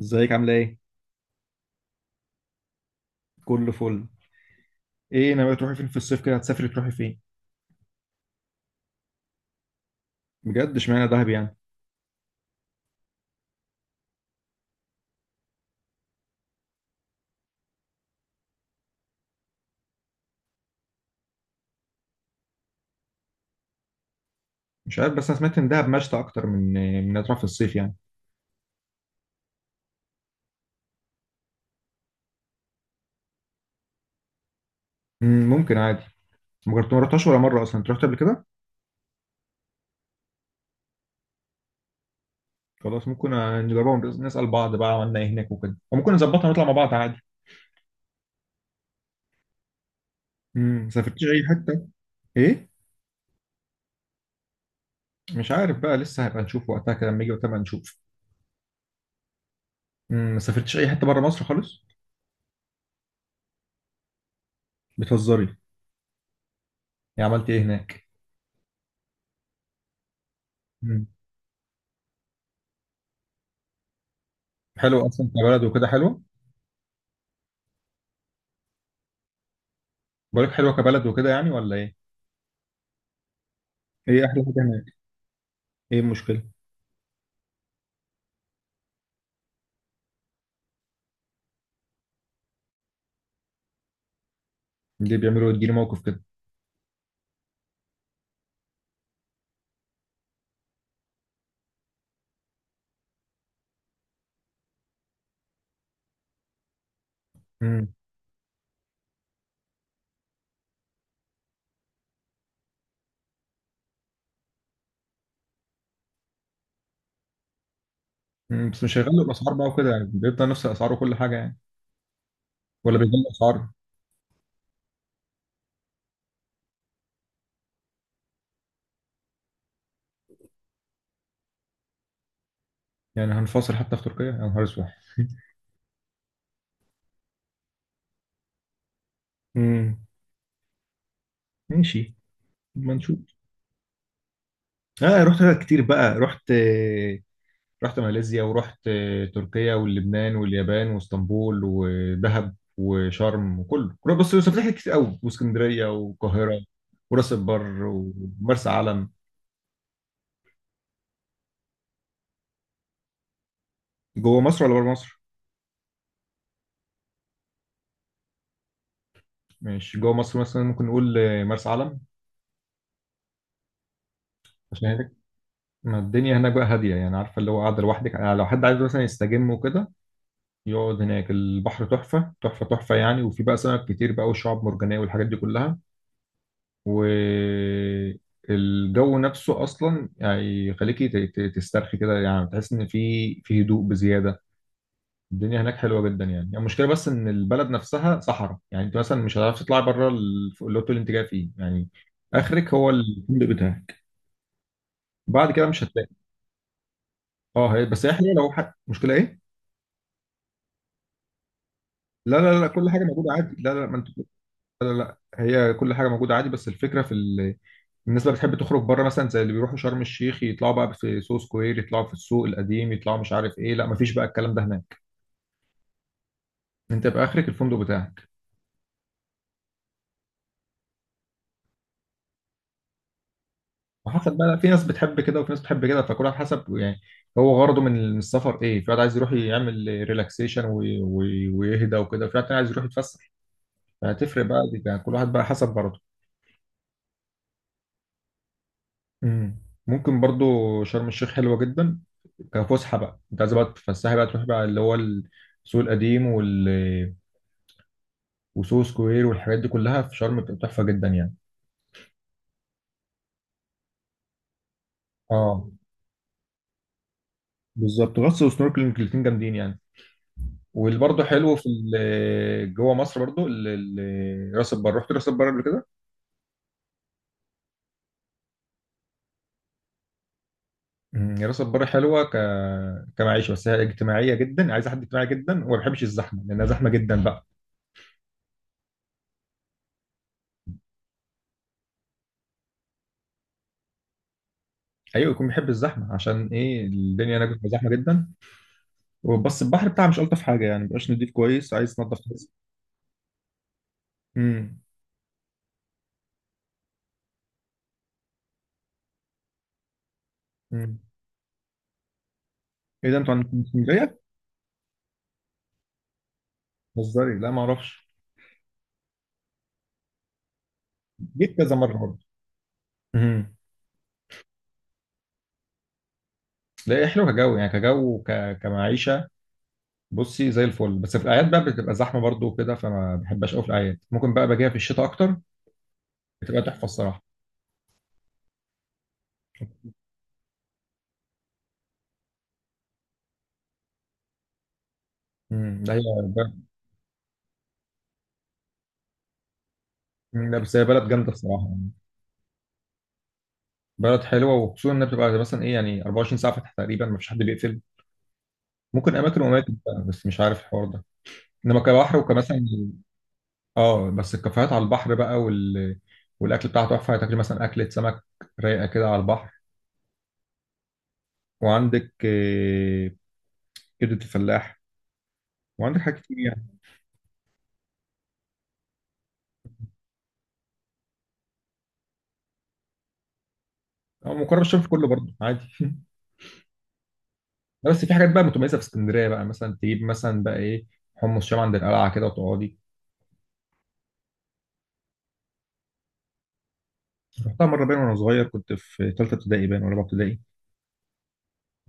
ازيك؟ عامله ايه؟ كله فل. ايه، ناويه تروحي فين في الصيف كده؟ هتسافري تروحي فين؟ بجد؟ اشمعنى دهب يعني؟ مش عارف، بس انا سمعت ان دهب مشتى اكتر من هتروح في الصيف يعني. ممكن عادي. ما جربت، ما رحتهاش ولا مره اصلا. انت رحت قبل كده؟ خلاص، ممكن نجربها ونس- نسال بعض بقى عملنا ايه هناك وكده، وممكن نظبطها ونطلع مع بعض عادي. ما سافرتيش اي حته؟ ايه؟ مش عارف بقى، لسه هيبقى نشوف وقتها، كده لما يجي وقتها بقى نشوف. ما سافرتيش اي حته بره مصر خالص؟ بتهزري؟ يعني عملتي ايه هناك؟ مم، حلو اصلا كبلد وكده، حلو. بقولك حلوه كبلد وكده يعني، ولا ايه؟ ايه احلى حاجه هناك؟ ايه المشكله؟ اللي بيعملوا يديني موقف كده. امم بس مش هيغلوا الاسعار بقى وكده، يعني بيبقى نفس الاسعار وكل حاجه يعني؟ ولا بيغلوا الاسعار؟ يعني هنفاصل حتى في تركيا؟ يا نهار اسود! امم ماشي. ما نشوف. اه، رحت حاجات كتير بقى. رحت ماليزيا ورحت آه، تركيا واللبنان واليابان واسطنبول ودهب وشرم بس سافرت حاجات كتير قوي، واسكندريه والقاهره وراس البر ومرسى علم. جوه مصر ولا بره مصر؟ ماشي، جوه مصر مثلا ممكن نقول مرسى علم. عشان هناك، ما الدنيا هناك بقى هادية يعني، عارفة اللي هو قاعدة لوحدك، يعني لو حد عايز مثلا يستجم وكده يقعد هناك. البحر تحفة تحفة تحفة يعني، وفي بقى سمك كتير بقى والشعاب مرجانية والحاجات دي كلها. والجو نفسه أصلا يعني يخليكي تسترخي كده، يعني تحس إن في هدوء بزيادة. الدنيا هناك حلوة جدا يعني المشكلة بس إن البلد نفسها صحراء، يعني أنت مثلا مش هتعرف تطلع بره الفندق اللي أنت جاي فيه يعني. آخرك هو الفندق بتاعك، بعد كده مش هتلاقي. اه، هي بس احنا لو حاجة. مشكله ايه؟ لا لا لا، كل حاجه موجوده عادي، لا لا ما انت. هي كل حاجه موجوده عادي، بس الفكره في الناس اللي بتحب تخرج بره مثلا، زي اللي بيروحوا شرم الشيخ، يطلعوا بقى في سو سكوير، يطلعوا في السوق القديم، يطلعوا مش عارف ايه. لا ما فيش بقى الكلام ده هناك. انت يبقى اخرك الفندق بتاعك. وحسب بقى، في ناس بتحب كده وفي ناس بتحب كده، فكل واحد حسب يعني هو غرضه من السفر ايه. في واحد عايز يروح يعمل ريلاكسيشن ويهدى وكده، في واحد تاني عايز يروح يتفسح. فهتفرق بقى يعني كل واحد بقى حسب غرضه. مم. ممكن برضو شرم الشيخ حلوة جدا كفسحة بقى، انت عايز بقى تتفسحي بقى تروحي بقى اللي هو السوق القديم وسوق سكوير والحاجات دي كلها في شرم بتبقى تحفة جدا يعني. اه بالظبط، غطس وسنوركلينج الاتنين جامدين يعني. واللي برضه حلو في جوه مصر برضه راس البر، رحت راس البر قبل كده؟ مم. راس البر حلوة كمعيشة، بس هي اجتماعية جدا، عايزة حد اجتماعي جدا وما بيحبش الزحمة، لأنها زحمة جدا بقى. أيوة، يكون بيحب الزحمة. عشان إيه؟ الدنيا هناك بتبقى زحمة جدا. بس البحر بتاعها مش الطف حاجه يعني، مبقاش نضيف كويس، عايز تنضف كويس. امم امم ايه ده، انتوا عندكم في اسكندريه؟ بتهزري؟ لا، ما اعرفش. جيت كذا مره برضه. امم لا، هي حلوه كجو يعني، كجو وك... كمعيشه، بصي زي الفل. بس في الاعياد بقى بتبقى زحمه برضه وكده، فما بحبهاش قوي في الاعياد. ممكن بقى باجيها في الشتاء اكتر، بتبقى تحفه الصراحه. ده هي بلد... لا، بس هي بلد جامده الصراحه يعني. بلد حلوه، وخصوصا انها بتبقى مثلا ايه يعني 24 ساعه فاتحه تقريبا، ما فيش حد بيقفل. ممكن اماكن واماكن بقى، بس مش عارف الحوار ده. انما كبحر وكمثلا، اه، بس الكافيهات على البحر بقى والاكل بتاعها تحفه، تاكل مثلا اكله سمك رايقه كده على البحر. وعندك كبده الفلاح، وعندك حاجات كتير يعني. او مقرب الشرف كله برضه عادي. بس في حاجات بقى متميزه في اسكندريه بقى، مثلا تجيب مثلا بقى ايه، حمص شام عند القلعه كده وتقعدي. رحتها مره، باين وانا صغير كنت في ثالثه ابتدائي، باين ولا رابعه ابتدائي،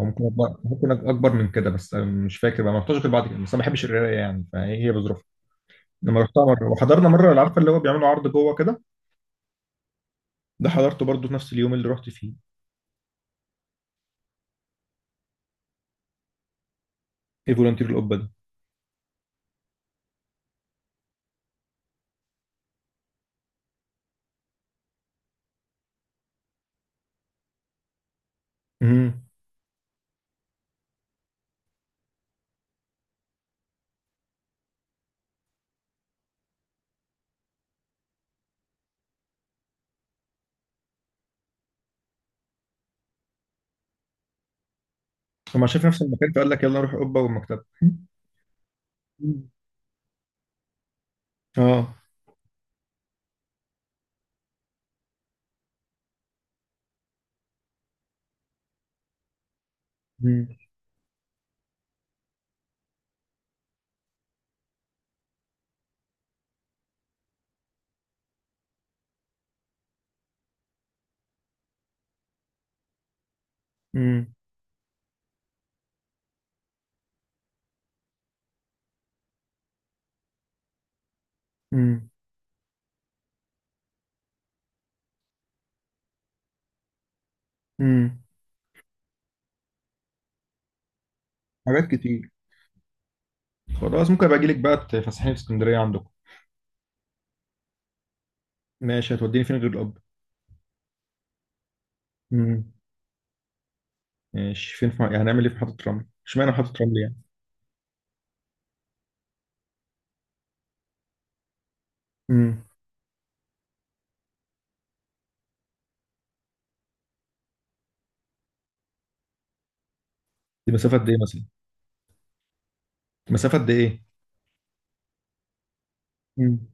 او ممكن أكبر، ممكن اكبر من كده، بس أنا مش فاكر بقى، ما رحتش غير بعد كده. بس أنا ما بحبش القرايه يعني، فهي هي بظروفها. لما رحتها مره وحضرنا مره، عارفه اللي هو بيعملوا عرض جوه كده، ده حضرته برضه في نفس اليوم اللي رحت فيه. ايه فولunteer القبه ده؟ امم لما شاف نفس المكان فقال لك يلا نروح القبه والمكتبه. مم. اه. امم امم امم امم حاجات كتير. خلاص، ممكن ابقى اجي لك بقى تفسحني في اسكندريه عندكم. ماشي، هتوديني فين غير القبه؟ امم ماشي فين يعني هنعمل ايه في محطه رمل؟ اشمعنى محطه رمل يعني؟ امم دي مسافه قد ايه مثلا؟ مسافه قد ايه؟ امم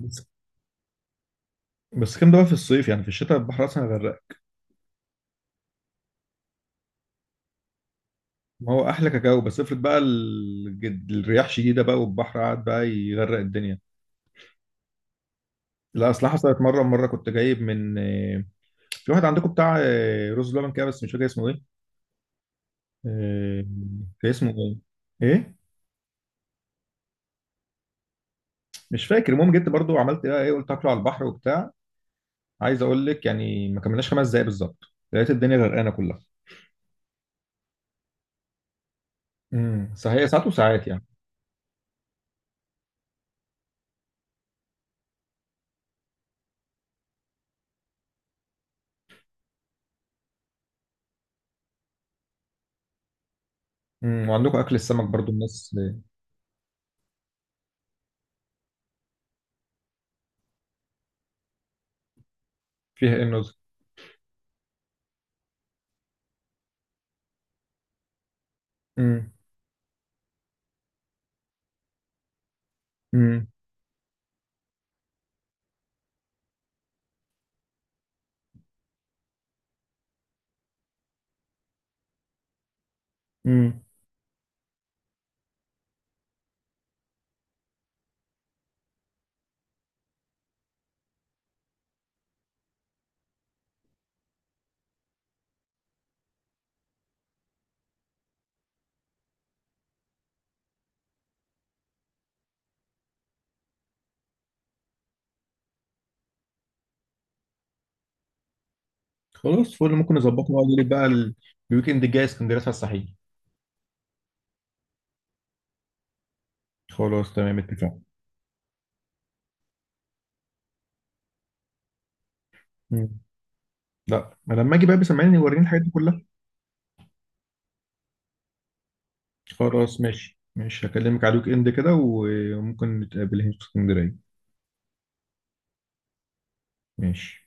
بس بس كام ده بقى في الصيف؟ يعني في الشتاء البحر اصلا هيغرقك. ما هو احلى كاكاو، بس افرض بقى الرياح شديده بقى والبحر قعد بقى يغرق الدنيا. لا اصل حصلت مره، مره كنت جايب من في واحد عندكم بتاع رز لبن كده، بس مش فاكر اسمه ايه. آه، كان اسمه ايه؟ ايه؟ مش فاكر. المهم جيت برضو عملت بقى ايه، قلت اكله على البحر وبتاع. عايز اقول لك يعني ما كملناش 5 دقايق بالظبط، لقيت الدنيا غرقانه كلها. صحيح، ساعات وساعات يعني. وعندكم اكل السمك برضو الناس فيها ايه النظر؟ امم امم امم خلاص فل، ممكن نظبطه واقول لك بقى الويكند الجاي اسكندريه على الصحيح. خلاص تمام اتفقنا. مم. لا، ما لما اجي بقى بسمعني وريني الحاجات دي كلها. خلاص ماشي ماشي، هكلمك على الويك اند كده وممكن نتقابل هنا في اسكندريه. ماشي.